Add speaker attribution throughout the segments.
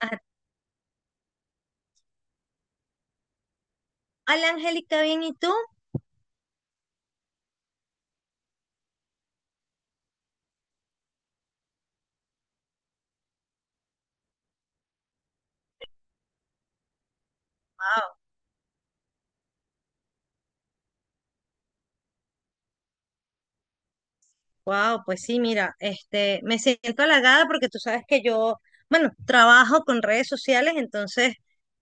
Speaker 1: Ah, hola Angélica, bien, ¿y tú? Wow, wow, pues sí, mira, este, me siento halagada porque tú sabes que yo, bueno, trabajo con redes sociales, entonces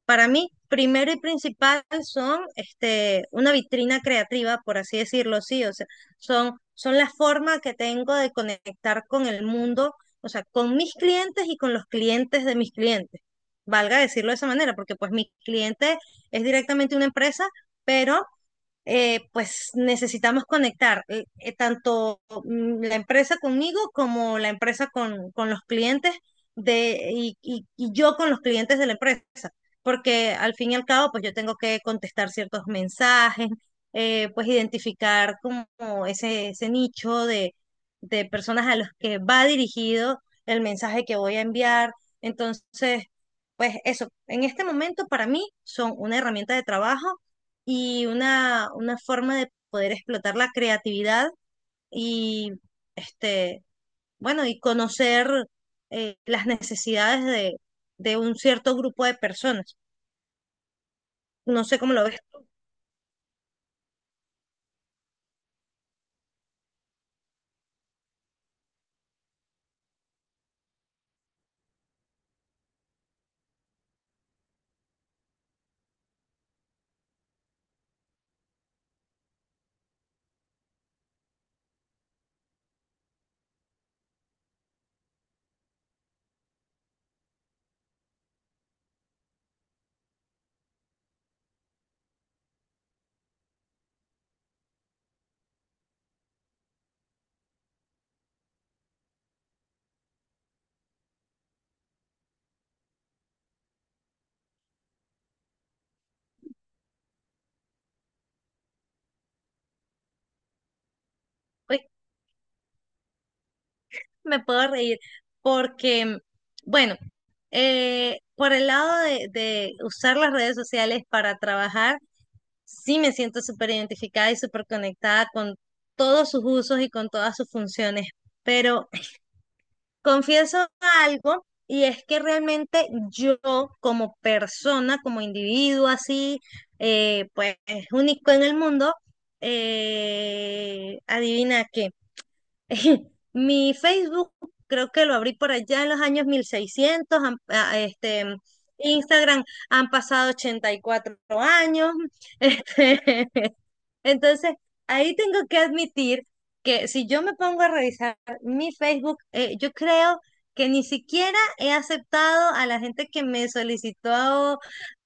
Speaker 1: para mí, primero y principal son este, una vitrina creativa, por así decirlo, sí, o sea, son la forma que tengo de conectar con el mundo, o sea, con mis clientes y con los clientes de mis clientes. Valga decirlo de esa manera, porque pues mi cliente es directamente una empresa, pero pues necesitamos conectar tanto la empresa conmigo como la empresa con los clientes y yo con los clientes de la empresa, porque al fin y al cabo, pues yo tengo que contestar ciertos mensajes, pues identificar como ese nicho de personas a los que va dirigido el mensaje que voy a enviar. Entonces, pues eso, en este momento para mí son una herramienta de trabajo y una forma de poder explotar la creatividad y este, bueno, y conocer las necesidades de un cierto grupo de personas. No sé cómo lo ves. Uy, me puedo reír porque, bueno, por el lado de usar las redes sociales para trabajar, sí me siento súper identificada y súper conectada con todos sus usos y con todas sus funciones. Pero confieso algo, y es que realmente yo como persona, como individuo así, pues único en el mundo, adivina qué. Mi Facebook creo que lo abrí por allá en los años 1600, Instagram han pasado 84 años, este, entonces, ahí tengo que admitir que si yo me pongo a revisar mi Facebook, yo creo que ni siquiera he aceptado a la gente que me solicitó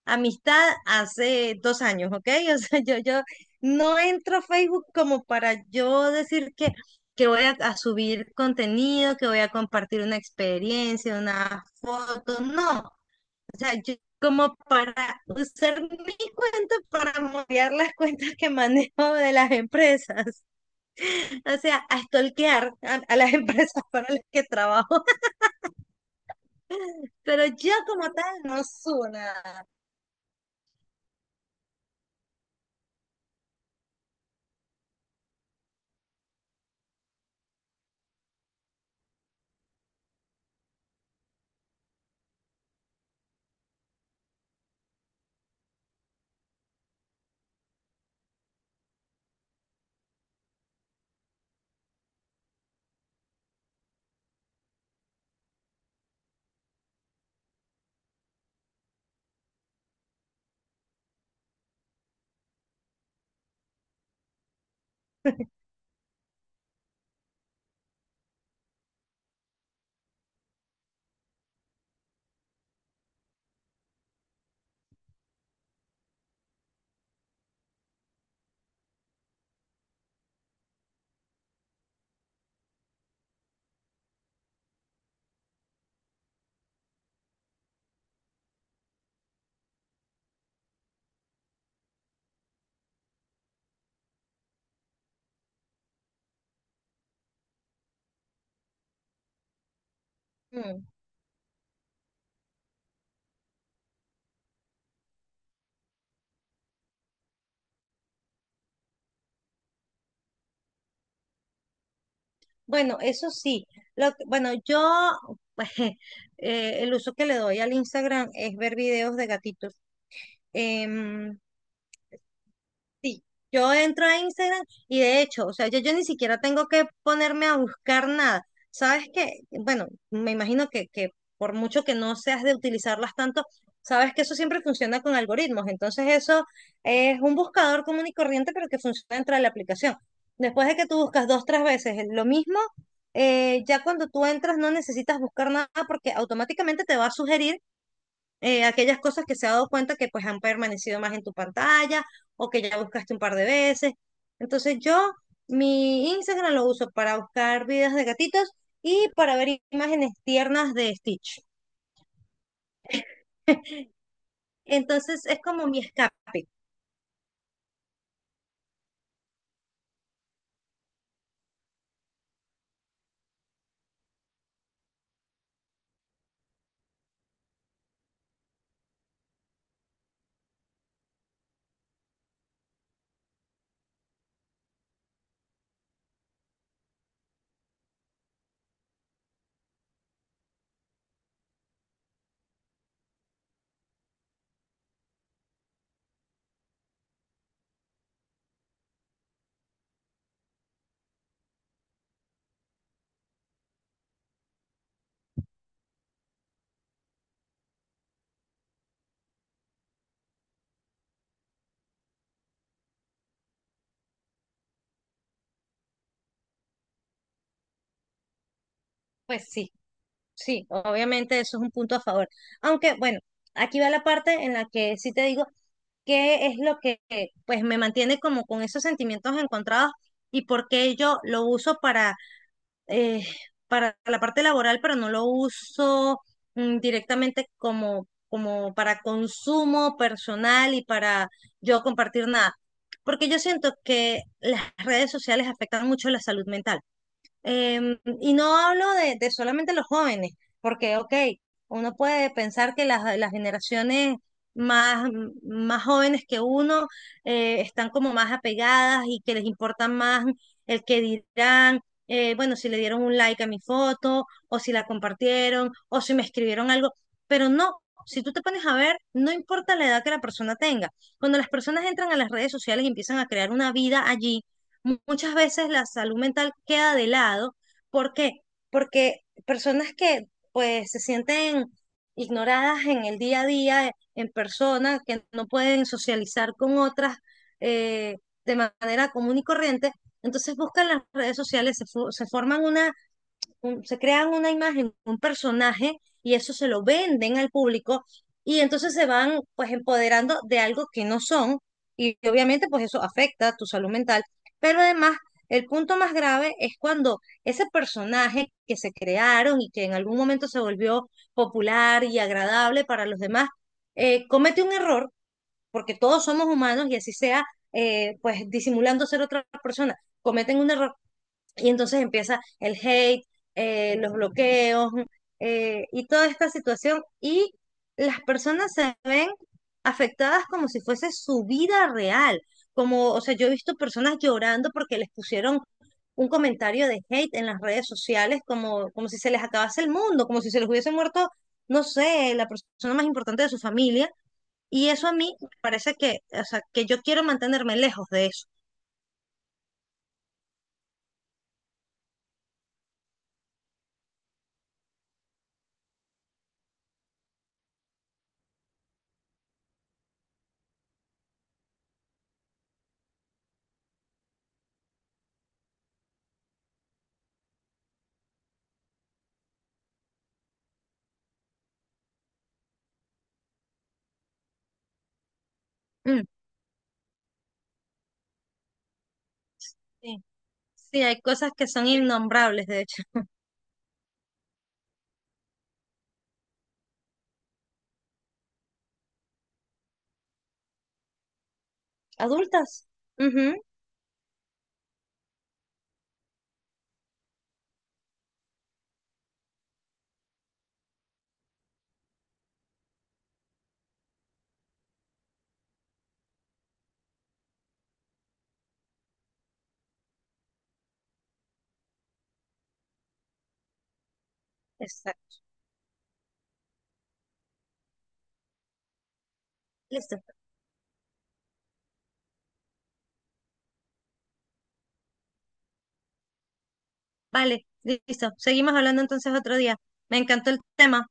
Speaker 1: amistad hace 2 años, ¿ok? O sea, yo no entro a Facebook como para yo decir que voy a subir contenido, que voy a compartir una experiencia, una foto, no yo como para usar mi cuenta para moviar las cuentas que manejo de las empresas, o sea, a stalkear a las empresas para las que trabajo, pero yo como tal no subo nada. Mm. Bueno, eso sí, bueno, yo, pues, el uso que le doy al Instagram es ver videos de gatitos. Em, Sí, yo entro a Instagram y de hecho, o sea, yo ni siquiera tengo que ponerme a buscar nada. Sabes que, bueno, me imagino que por mucho que no seas de utilizarlas tanto, sabes que eso siempre funciona con algoritmos. Entonces eso es un buscador común y corriente, pero que funciona dentro de la aplicación. Después de que tú buscas dos, tres veces lo mismo, ya cuando tú entras no necesitas buscar nada porque automáticamente te va a sugerir aquellas cosas que se ha dado cuenta que pues han permanecido más en tu pantalla o que ya buscaste un par de veces. Entonces yo mi Instagram lo uso para buscar videos de gatitos y para ver imágenes tiernas de Stitch. Entonces es como mi escape. Pues sí, sí, obviamente eso es un punto a favor. Aunque bueno, aquí va la parte en la que sí te digo qué es lo que pues me mantiene como con esos sentimientos encontrados y por qué yo lo uso eh, para la parte laboral, pero no lo uso directamente como para consumo personal y para yo compartir nada. Porque yo siento que las redes sociales afectan mucho la salud mental. Y no hablo de solamente los jóvenes, porque, ok, uno puede pensar que las generaciones más, más jóvenes que uno están como más apegadas y que les importa más el que dirán, bueno, si le dieron un like a mi foto, o si la compartieron, o si me escribieron algo, pero no. Si tú te pones a ver, no importa la edad que la persona tenga. Cuando las personas entran a las redes sociales y empiezan a crear una vida allí, muchas veces la salud mental queda de lado. ¿Por qué? Porque personas que pues se sienten ignoradas en el día a día, en persona, que no pueden socializar con otras eh, de manera común y corriente, entonces buscan las redes sociales, se crean una imagen, un personaje, y eso se lo venden al público, y entonces se van pues empoderando de algo que no son, y obviamente pues eso afecta tu salud mental, pero además el punto más grave es cuando ese personaje que se crearon y que en algún momento se volvió popular y agradable para los demás, comete un error, porque todos somos humanos y así sea, pues disimulando ser otra persona, cometen un error y entonces empieza el hate, los bloqueos y toda esta situación. Y las personas se ven afectadas como si fuese su vida real. Como, o sea, yo he visto personas llorando porque les pusieron un comentario de hate en las redes sociales, como si se les acabase el mundo, como si se les hubiese muerto, no sé, la persona más importante de su familia. Y eso a mí me parece que, o sea, que yo quiero mantenerme lejos de eso. Mm. Sí, sí, hay cosas que son innombrables, de hecho. Adultas. Ujú, exacto. Listo. Vale, listo. Seguimos hablando entonces otro día. Me encantó el tema.